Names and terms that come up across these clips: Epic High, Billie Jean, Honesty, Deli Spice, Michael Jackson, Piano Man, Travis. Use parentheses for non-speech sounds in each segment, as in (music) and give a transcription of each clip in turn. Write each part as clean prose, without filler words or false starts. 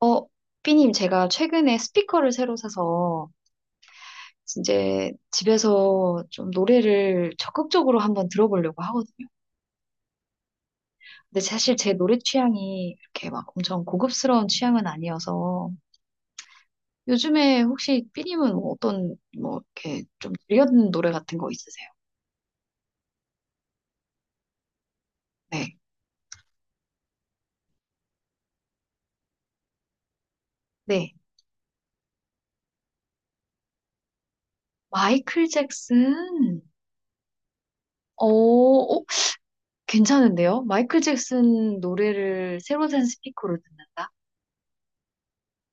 어, 삐님, 제가 최근에 스피커를 새로 사서 이제 집에서 좀 노래를 적극적으로 한번 들어보려고 하거든요. 근데 사실 제 노래 취향이 이렇게 막 엄청 고급스러운 취향은 아니어서 요즘에 혹시 삐님은 뭐 어떤 뭐 이렇게 좀 들려 듣는 노래 같은 거 있으세요? 네. 네. 마이클 잭슨. 어, 어, 괜찮은데요? 마이클 잭슨 노래를 새로 산 스피커로 듣는다?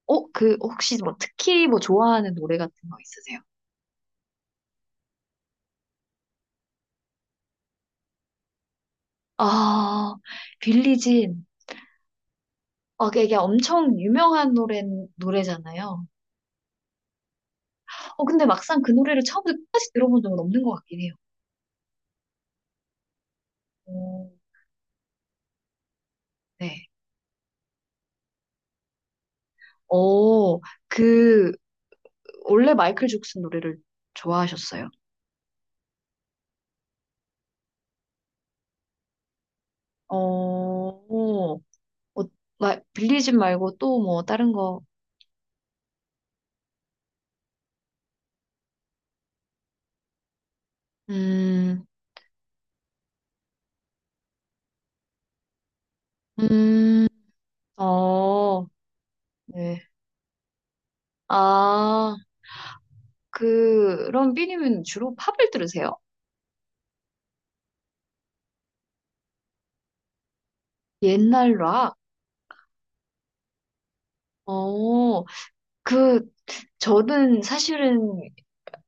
혹시 뭐, 특히 뭐, 좋아하는 노래 같은 거 있으세요? 아, 빌리진. 그게 엄청 유명한 노래잖아요. 근데 막상 그 노래를 처음부터 끝까지 들어본 적은 없는 것 같긴 해요. 오, 네. 어, 그, 원래 마이클 잭슨 노래를 좋아하셨어요? 어, 어, 빌리진 말고 또 뭐, 다른 거. 음, 음, 어, 네. 아. 그런 삐님은 주로 팝을 들으세요? 옛날 락? 어, 그, 저는 사실은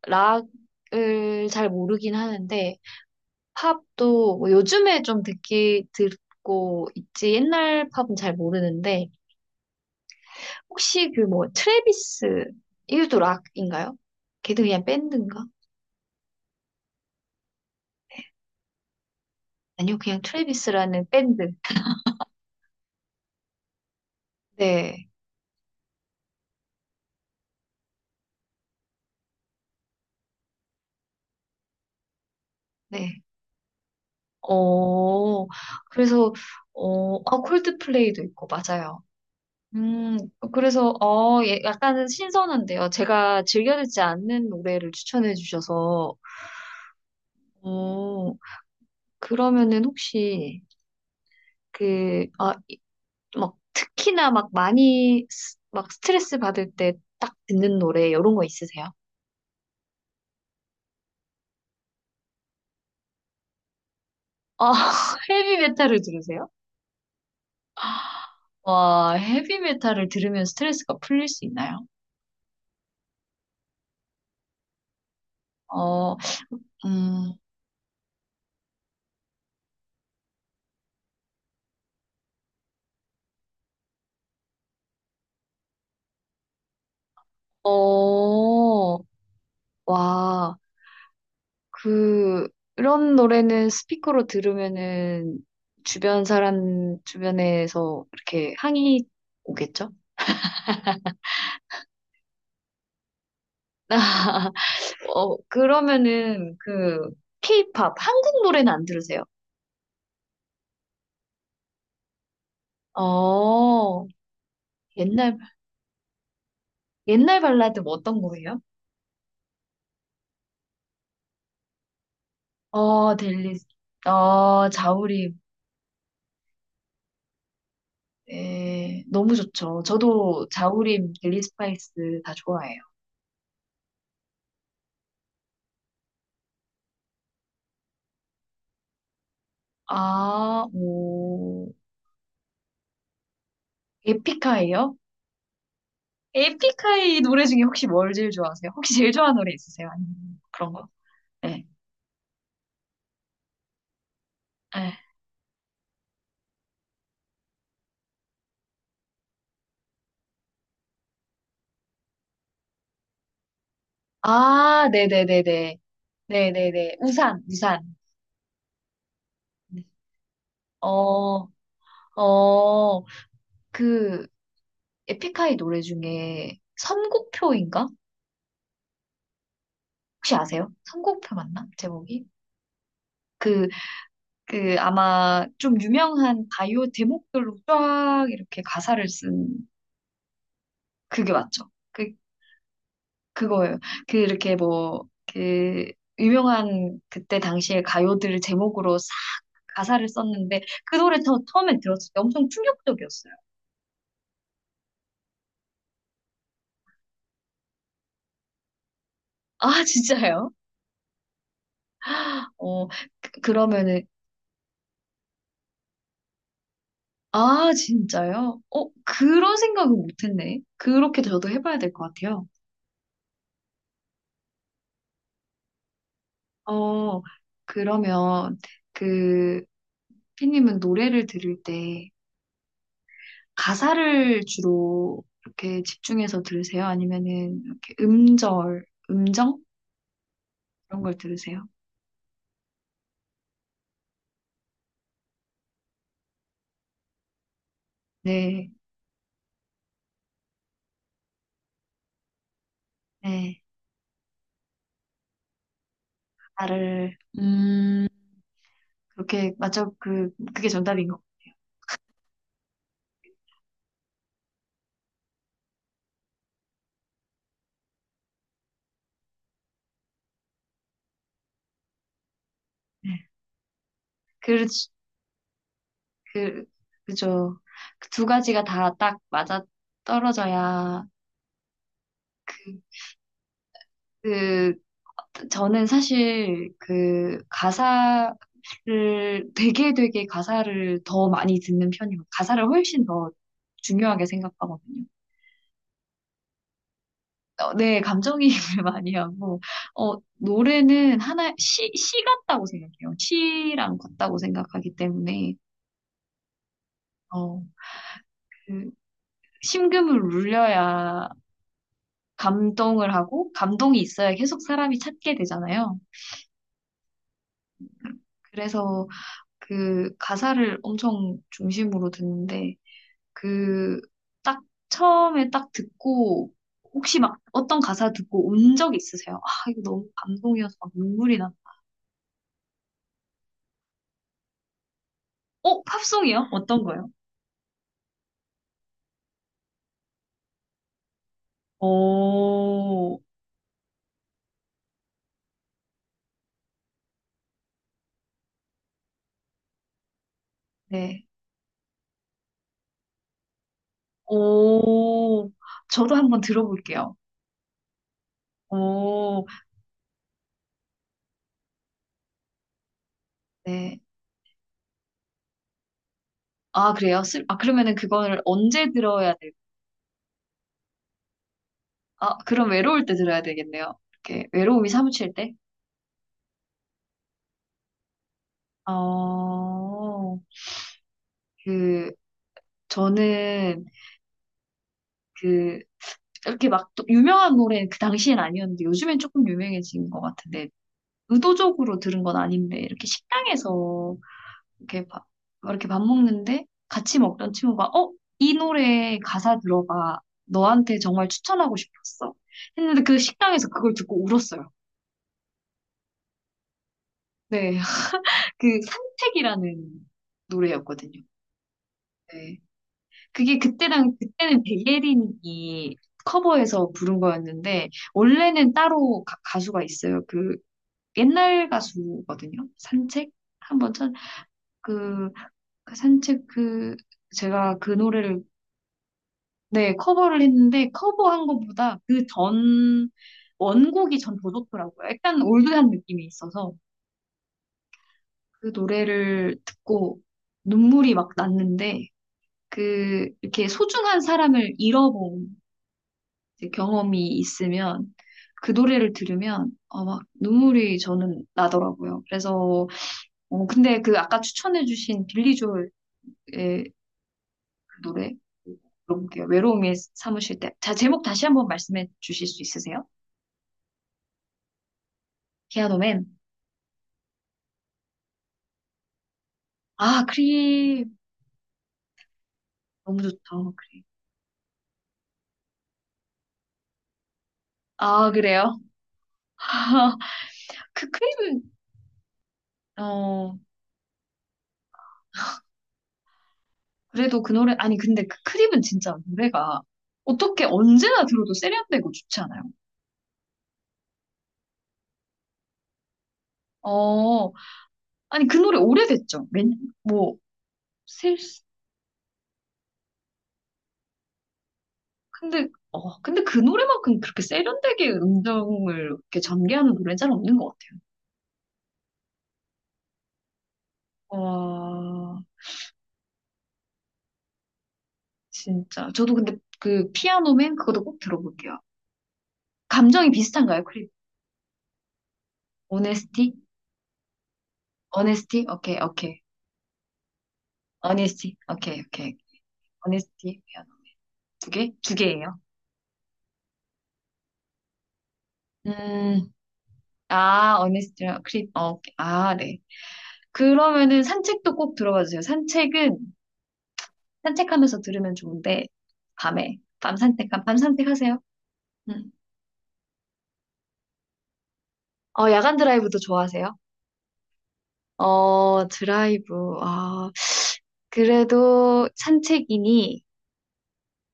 락을 잘 모르긴 하는데, 팝도 뭐 요즘에 좀 듣고 있지, 옛날 팝은 잘 모르는데, 혹시 그 뭐, 트래비스, 이것도 락인가요? 걔도 그냥 밴드인가? 아니요, 그냥 트래비스라는 밴드. 네, 네. 어, 그래서, 아, 콜드플레이도 있고, 맞아요. 음, 그래서, 예, 약간은 신선한데요. 제가 즐겨 듣지 않는 노래를 추천해 주셔서, 어, 그러면은 혹시, 아, 막, 특히나 막 많이, 막 스트레스 받을 때 딱 듣는 노래, 이런 거 있으세요? 아, (laughs) 헤비메탈을 들으세요? 와, 헤비메탈을 들으면 스트레스가 풀릴 수 있나요? 어, 음, 어, 와. 그, 그런 노래는 스피커로 들으면은 주변에서 이렇게 항의 오겠죠? 그러면은 케이팝, 한국 노래는 안 들으세요? 어, 옛날, 옛날 발라드 뭐 어떤 거예요? 델리, 자우림. 예, 너무 좋죠. 저도 자우림, 델리 스파이스 다 좋아해요. 아, 오, 에픽하예요? 에픽하이 노래 중에 혹시 뭘 제일 좋아하세요? 혹시 제일 좋아하는 노래 있으세요? 아니면 그런 거? 네. 네. 아, 네네네네. 네네네. 우산, 우산. 네. 어, 어, 그, 에픽하이 노래 중에 선곡표인가? 혹시 아세요? 선곡표 맞나? 제목이? 그, 아마 좀 유명한 바이오 제목들로 쫙 이렇게 가사를 쓴 그게 맞죠? 그거예요. 그 이렇게 뭐 그 유명한 그때 당시에 가요들 제목으로 싹 가사를 썼는데 그 노래 저 처음에 들었을 때 엄청 충격적이었어요. 아, (laughs) 진짜요? 어 그, 러면은아 진짜요? 그런 생각은 못했네. 그렇게 저도 해봐야 될 것 같아요. 어 그러면 그 피님은 노래를 들을 때 가사를 주로 이렇게 집중해서 들으세요? 아니면은 이렇게 음절, 음정? 그런 걸 들으세요? 네, 네. 나를, 음, 그렇게, 그게 정답인 것 같아요. 네. 그, 그, 그죠. 그두 가지가 다 딱 맞아 떨어져야, 그, 그, 저는 사실 그 가사를 되게 되게 가사를 더 많이 듣는 편이고, 가사를 훨씬 더 중요하게 생각하거든요. 네, 감정이입을 (laughs) 많이 하고, 노래는 시 같다고 생각해요. 시랑 같다고 생각하기 때문에, 어, 그 심금을 울려야 감동을 하고, 감동이 있어야 계속 사람이 찾게 되잖아요. 그래서 그 가사를 엄청 중심으로 듣는데, 그, 딱, 처음에 딱 듣고, 혹시 막 어떤 가사 듣고 운 적 있으세요? 아, 이거 너무 감동이어서 막 눈물이 나. 팝송이요? 어떤 거요? 오, 네. 오, 저도 한번 들어볼게요. 오, 네. 아, 그래요? 아, 그러면은 그거를 언제 들어야 돼? 아, 그럼 외로울 때 들어야 되겠네요. 이렇게 외로움이 사무칠 때? 어, 그, 저는 그, 이렇게 막 또 유명한 노래는 그 당시엔 아니었는데 요즘엔 조금 유명해진 것 같은데 의도적으로 들은 건 아닌데 이렇게 식당에서 이렇게 밥, 이렇게 밥 먹는데 같이 먹던 친구가 어? 이 노래 가사 들어봐. 너한테 정말 추천하고 싶었어. 했는데 그 식당에서 그걸 듣고 울었어요. 네. (laughs) 그 산책이라는 노래였거든요. 네. 그게 그때랑 그때는 백예린이 커버해서 부른 거였는데 원래는 따로 가수가 있어요. 그 옛날 가수거든요. 산책 한번 천, 그, 그 산책 그 제가 그 노래를 네, 커버를 했는데 커버한 것보다 그 전 원곡이 전 더 좋더라고요. 약간 올드한 느낌이 있어서 그 노래를 듣고 눈물이 막 났는데 그 이렇게 소중한 사람을 잃어본 이제 경험이 있으면 그 노래를 들으면 막 눈물이 저는 나더라고요. 그래서 근데 그 아까 추천해주신 빌리 조엘의 그 노래 들어볼게요. 외로움이 사무실 때. 자, 제목 다시 한번 말씀해 주실 수 있으세요? 피아노맨. 아, 크림. 너무 좋죠, 크림. 아, 그래요? (laughs) 그 크림은, 어, 그래도 그 노래, 아니, 근데 그 크림은 진짜 노래가 어떻게 언제나 들어도 세련되고 좋지 않아요? 어, 아니, 그 노래 오래됐죠? 뭐, 셀, 근데, 근데 그 노래만큼 그렇게 세련되게 음정을 이렇게 전개하는 노래는 잘 없는 것 같아요. 와, 진짜. 저도 근데 그 피아노맨 그것도 꼭 들어볼게요. 감정이 비슷한가요, 크림? 오네스티? 어네스티? 오케이, 오케이. 어니스티. 오케이, 오케이. 어니스티 피아노. 두 개? 두 개예요. 음, 아, 어니스티랑 크립. 어, 오케이. 아, 네. 그러면은 산책도 꼭 들어봐 주세요. 산책은 산책하면서 들으면 좋은데 밤에 밤 산책하세요. 음. 야간 드라이브도 좋아하세요? 드라이브. 아, 그래도 산책이니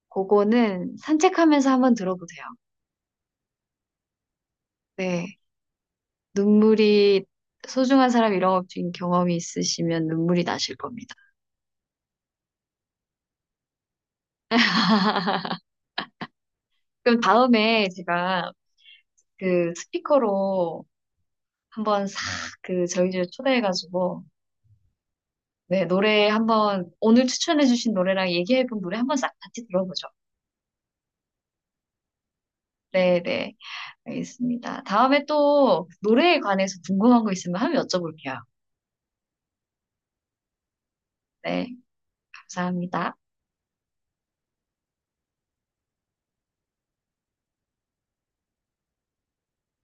그거는 산책하면서 한번 들어보세요. 네. 눈물이 소중한 사람 잃어버린 경험이 있으시면 눈물이 나실 겁니다. 그럼 다음에 제가 그 스피커로 한번 싹 그 저희 집 초대해가지고 네 노래 한번 오늘 추천해주신 노래랑 얘기해본 노래 한번 싹 같이 들어보죠. 네네, 알겠습니다. 다음에 또 노래에 관해서 궁금한 거 있으면 한번 여쭤볼게요. 네, 감사합니다.